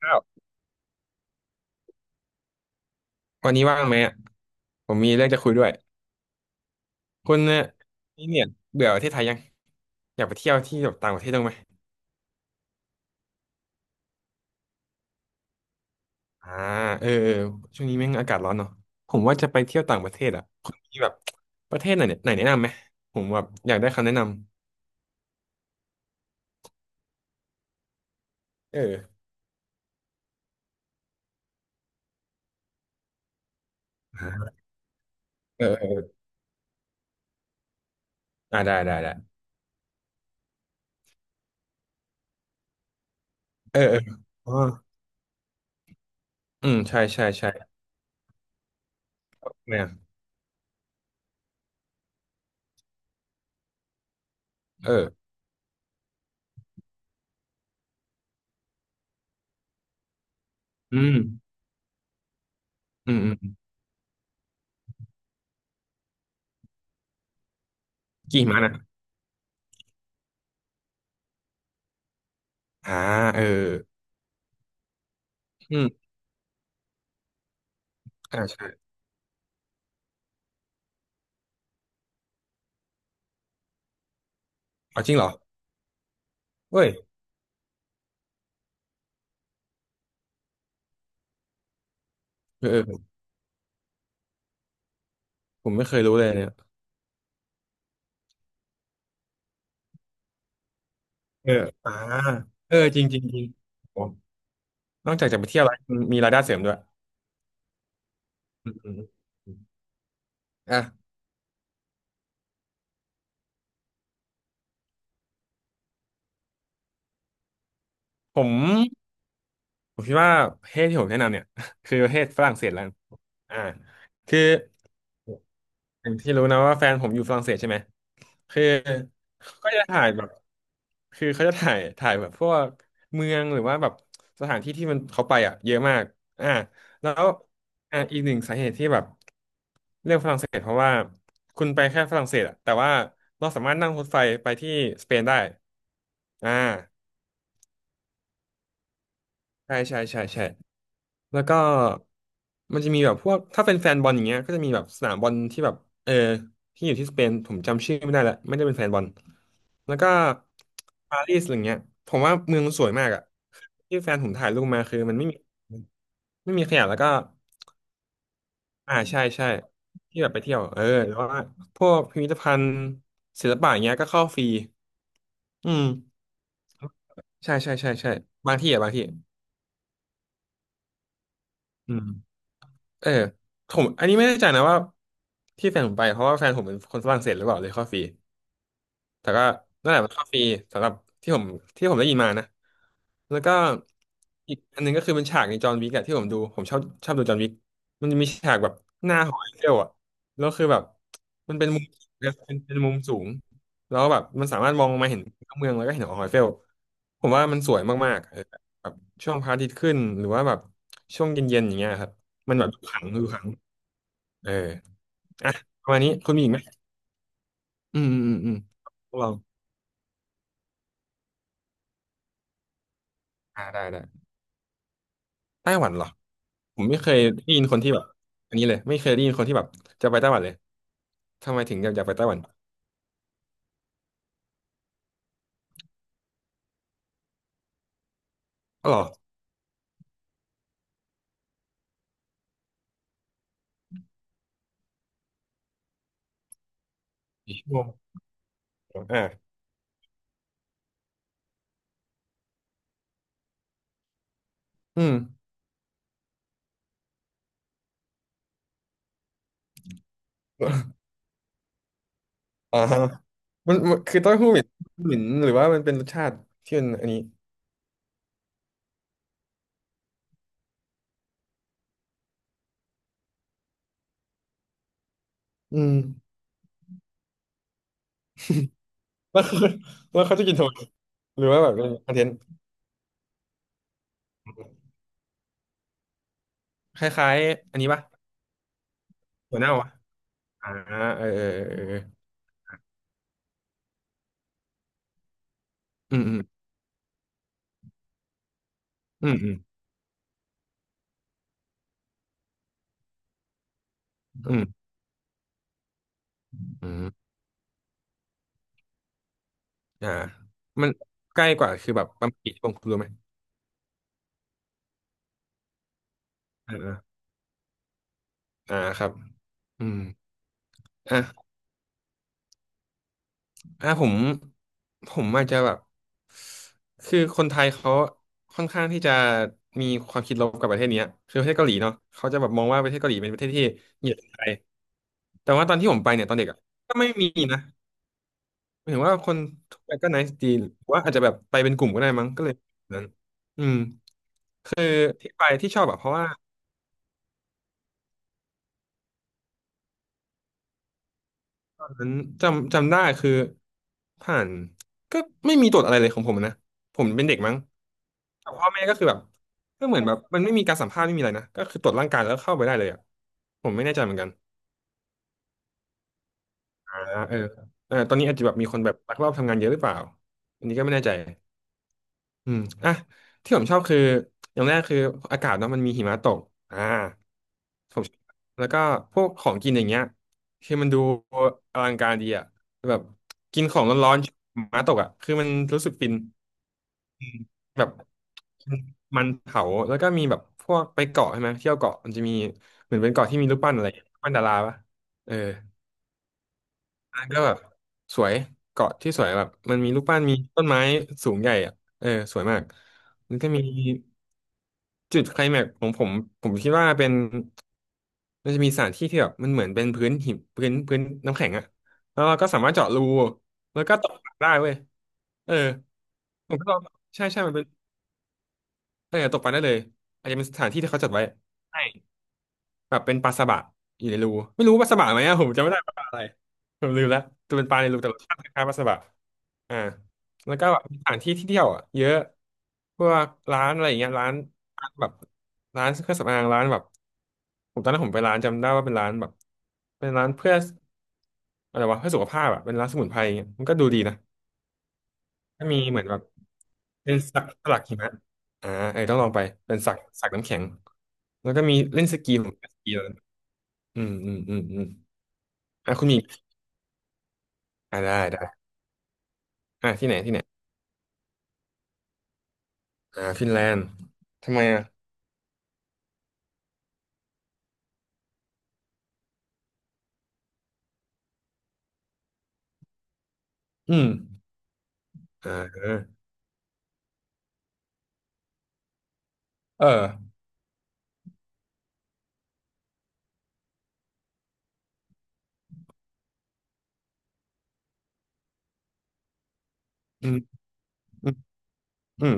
ข้าววันนี้ว่างไหมอะผมมีเรื่องจะคุยด้วยคุณเนี่ยนี่เนี่ยเบื่อประเทศไทยยังอยากไปเที่ยวที่แบบต่างประเทศบ้างไหมอ่าเออเออช่วงนี้แม่งอากาศร้อนเนาะผมว่าจะไปเที่ยวต่างประเทศอ่ะคุณมีแบบประเทศไหนเนี่ยไหนแนะนำไหมผมแบบอยากได้คำแนะนำเอออ่าเออเอออ่าได้ได้ได้เออเอออ๋ออืมใช่ใช่ใช่แม่งเอออืมอืมอืมกี่หิมะนะอ่าเอออืมอ่าใช่เอาจริงเหรอเว้ยเออเออผมไม่เคยรู้เลยเนี่ย เอออ่าเออจริงจริงจริงผมนอกจากจะไปเที่ยวแล้วมีรายได้เสริมด้วยอืมอืมอืมอ่ะผมผมคิดว่าประเทศที่ผมแนะนำเนี่ย คือประเทศฝรั่งเศสแล้วกันอ่าคือ อย่างที่รู้นะว่าแฟนผมอยู่ฝรั่งเศสใช่ไหม คือเขาก็จะถ่ายแบบคือเขาจะถ่ายแบบพวกเมืองหรือว่าแบบสถานที่ที่มันเขาไปอ่ะเยอะมากอ่าแล้วอ่าอีกหนึ่งสาเหตุที่แบบเลือกฝรั่งเศสเพราะว่าคุณไปแค่ฝรั่งเศสอ่ะแต่ว่าเราสามารถนั่งรถไฟไปที่สเปนได้อ่าใช่ใช่ใช่ใช่ แล้วก็มันจะมีแบบพวกถ้าเป็นแฟนบอลอย่างเงี้ยก็จะมีแบบสนามบอลที่แบบเออที่อยู่ที่สเปนผมจำชื่อไม่ได้ละไม่ได้เป็นแฟนบอลแล้วก็ปารีสอะไรเงี้ยผมว่าเมืองมันสวยมากอะที่แฟนผมถ่ายรูปมาคือมันไม่มีไม่มีขยะแล้วก็อ่าใช่ใช่ที่แบบไปเที่ยวเออแล้วว่าพวกพิพิธภัณฑ์ศิลปะอย่างเงี้ยก็เข้าฟรีอืมใช่ใช่ใช่ใช่บางที่อะบางที่อืม เออผมอันนี้ไม่แน่ใจนะว่าที่แฟนผมไปเพราะว่าแฟนผมเป็นคนฝรั่งเศสหรือเปล่าเลยเข้าฟรีแต่ก็นั่นแหละมันเข้าฟรีสำหรับที่ผมที่ผมได้ยินมานะแล้วก็อีกอันหนึงก็คือเป็นฉากในจอห์นวิกอะที่ผมดูผมชอบชอบดูจอห์นวิกมันจะมีฉากแบบหน้าหอไอเฟลอะแล้วคือแบบมันเป็นมุมเเป็นมุมสูงแล้วแบบมันสามารถมองลงมาเห็นเมืองแล้วก็เห็นหอไอเฟลผมว่ามันสวยมากๆเออแบบช่วงพระอาทิตย์ขึ้นหรือว่าแบบช่วงเย็นๆอย่างเงี้ยครับมันแบบดูขลังดูขลัง เอออ่ะประมาณนี้คุณมีอีกไหมอืมอืมอืมพวกเราอ่าได้ได้ไต้หวันเหรอผมไม่เคยได้ยินคนที่แบบอันนี้เลยไม่เคยได้ยินคนที่แบบจะไปไต้หวันเลยทำไมถึงอยากไปไต้หวันอ๋อเหรออีกชั่วโมงอ่าอืมอ่าฮะมันมันคือเต้าหู้เหม็นเหม็นหรือว่ามันเป็นรสชาติที่มันอันนี้อืมแล้วเขาแล้วเขาจะกินทำไมหรือว่าแบบเป็นคอนเทนต์คล้ายๆอันนี้ปะหัวเน่าวะอ่าเออ เออเออเอออืมอืมอืมอืมอืมอืม อ่ามันใกล้กว่าคือแบบประมาณกี่ชั่วโมงคุณรู้ไหมอ่าอ่าครับอืมอ่ะอ่ะผมอาจจะแบบคือคนไทยเขาค่อนข้างที่จะมีความคิดลบกับประเทศเนี้ยคือประเทศเกาหลีเนาะเขาจะแบบมองว่าประเทศเกาหลีเป็นประเทศที่เหยียดคนไทยแต่ว่าตอนที่ผมไปเนี่ยตอนเด็กอะก็ไม่มีนะหมายถึงว่าคนทุกวไปก็ nice ดีหรือว่าอาจจะแบบไปเป็นกลุ่มก็ได้มั้งก็เลยแบบนั้นอืมคือที่ไปที่ชอบอะเพราะว่า นั้นจำได้คือผ่านก็ไม่มีตรวจอะไรเลยของผมนะผมเป็นเด็กมั้งแต่พ่อแม่ก็คือแบบก็เหมือนแบบมันไม่มีการสัมภาษณ์ไม่มีอะไรนะก็คือตรวจร่างกายแล้วเข้าไปได้เลยอ่ะผมไม่แน่ใจเหมือนกันอ่าเออเออตอนนี้อาจจะแบบมีคนแบบลักลอบทำงานเยอะหรือเปล่าอันนี้ก็ไม่แน่ใจ อืมอ่ะที่ผมชอบคืออย่างแรกคืออากาศเนาะมันมีหิมะตกอ่าผมชอบแล้วก็พวกของกินอย่างเงี้ยคือมันดูอลังการดีอ่ะแบบกินของร้อนๆหิมะตกอ่ะคือมันรู้สึกฟินอืมแบบมันเผาแล้วก็มีแบบพวกไปเกาะใช่ไหมเที่ยวเกาะมันจะมีเหมือนเป็นเกาะที่มีรูปปั้นอะไรรูปปั้นดาราปะเอออันนั้นก็แบบสวยเกาะที่สวยแบบมันมีรูปปั้นมีต้นไม้สูงใหญ่อ่ะเออสวยมากมันก็มี จุดไคลแม็กซ์ของผมผมคิดว่าเป็นมันจะมีสถานที่ที่แบบมันเหมือนเป็นพื้นหินพื้นน้ำแข็งอะแล้วเราก็สามารถเจาะรูแล้วก็ตกปลาได้เว้ยเออผมก็ลองใช่ใช่มันเป็นเออตกปลาได้เลยอาจจะเป็นสถานที่ที่เขาจัดไว้ใช่ แบบเป็นปลาสบะอยู่ในรูไม่รู้ปลาสบะไหมอะผมจำไม่ได้ปลาอะไรผมลืมแล้วจะเป็นปลาในรูแต่รสชาติคล้ายๆปลาสบะอ่าแล้วก็แบบมีสถานที่ที่เที่ยวอะเยอะพวกร้านอะไรอย่างเงี้ยร้านแบบร้านเครื่องสำอางร้านแบบผมตอนนั้นผมไปร้านจำได้ว่าเป็นร้านแบบเป็นร้านเพื่ออะไรวะเพื่อสุขภาพอะเป็นร้านสมุนไพรอย่างเงี้ยมันก็ดูดีนะก็มีเหมือนแบบเป็นสักสลักหิมะอ่าเออต้องลองไปเป็นสักน้ำแข็งแล้วก็มีเล่นสกีผมเล่นสกี อืมอืมอืมอืมอ่ะคุณมีอ่ะได้ได้อ่ะที่ไหนอ่าฟินแลนด์ทำไมอ่ะอืมอ่าเอออืมอืมอืม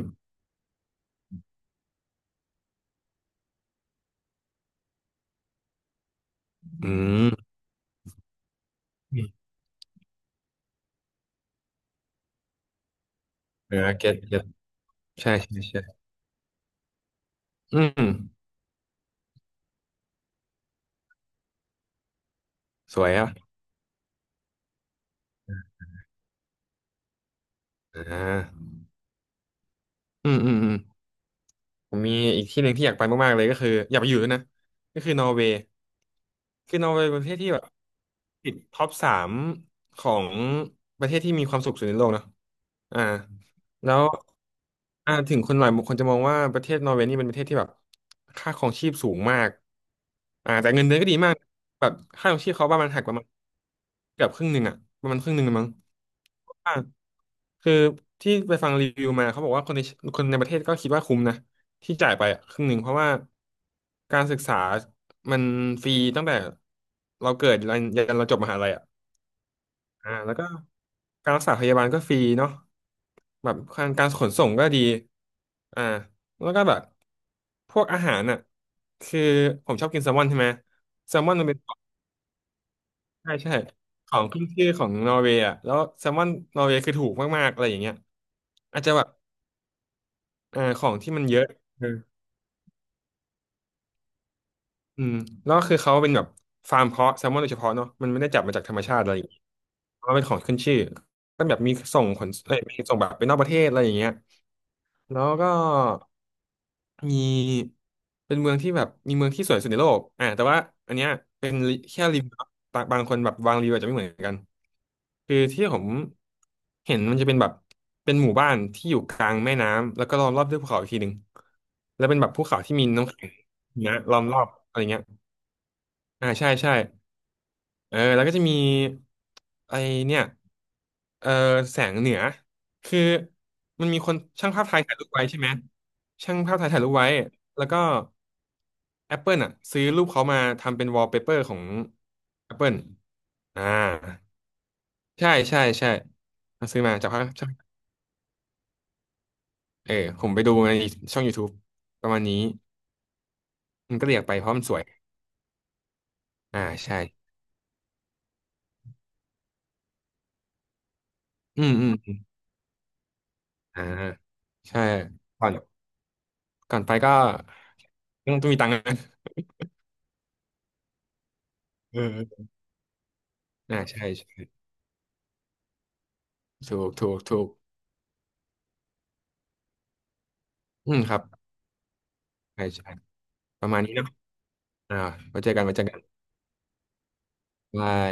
อืมเออเก็ตเก็ตใช่ใช่ใช่อืมสวยอ่ะอ่าอืมอืมอืมผมมีอีกที่หนึ่งที่อยากไปมากๆเลยก็คืออยากไปอยู่ด้วยนะก็คือนอร์เวย์คือนอร์เวย์เป็นประเทศที่แบบ ติดท็อปสามของประเทศที่มีความสุขสุดในโลกเนอะอ่าแล้วอ่าถึงคนหลายคนจะมองว่าประเทศนอร์เวย์นี่เป็นประเทศที่แบบค่าครองชีพสูงมากอ่าแต่เงินเดือนก็ดีมากแบบค่าครองชีพเขาประมานหักประมาณเกือบครึ่งหนึ่งอะประมาณครึ่งหนึ่งเลยมั้งอ่าคือที่ไปฟังรีวิวมาเขาบอกว่าคนในประเทศก็คิดว่าคุ้มนะ ที่จ่ายไปอะครึ่งหนึ่งเพราะว่าการศึกษามันฟรีตั้งแต่เราเกิดยันเราจบมหาลัยอ่ะ อ่าแล้วก็การรักษาพยาบาลก็ฟรีเนาะแบบการขนส่งก็ดีอ่าแล้วก็แบบพวกอาหารอ่ะคือผมชอบกินแซลมอนใช่ไหมแซลมอนมันเป็นของใช่ใช่ของขึ้นชื่อของนอร์เวย์อ่ะแล้วแซลมอนนอร์เวย์คือถูกมากๆอะไรอย่างเงี้ยอาจจะแบบอ่าของที่มันเยอะ อืมแล้วก็คือเขาเป็นแบบฟาร์มเพาะแซลมอนโดยเฉพาะเนาะมันไม่ได้จับมาจากธรรมชาติอะไรอย่างเงี้ยเพราะว่าเป็นของขึ้นชื่อก็แบบมีส่งขนเอ้ยมีส่งแบบไปนอกประเทศอะไรอย่างเงี้ยแล้วก็มีเป็นเมืองที่แบบมีเมืองที่สวยสุดในโลกอ่าแต่ว่าอันเนี้ยเป็นลิแค่รีวิวบางคนแบบวางรีวิวอาจจะไม่เหมือนกันคือที่ผมเห็นมันจะเป็นแบบเป็นหมู่บ้านที่อยู่กลางแม่น้ำแล้วก็ล้อมรอบด้วยภูเขาอีกทีหนึ่งแล้วเป็นแบบภูเขาที่มีน้ำแข็งนะล้อมรอบอะไรเงี้ย อ่าใช่ใช่เออแล้วก็จะมีไอเนี่ยเออแสงเหนือคือมันมีคนช่างภาพไทยถ่ายรูปไว้ใช่ไหมช่างภาพไทยถ่ายรูปไว้แล้วก็ Apple อ่ะซื้อรูปเขามาทำเป็นวอลเปเปอร์ของ Apple อ่าใช่ใช่ใช่เขาซื้อมาจากภาพช่างเออผมไปดูในช่อง YouTube ประมาณนี้มันก็เรียกไปเพราะมันสวยอ่าใช่อืมอืมอมอ่าใช่ก่อนก่อนไปก็ต้องมีตังค์ นะ เออน่าใช่ใช่ถูกอืมครับใช่ใช่ประมาณนี้เนอะอ่าไว้เจอกันไว้เจอกันบาย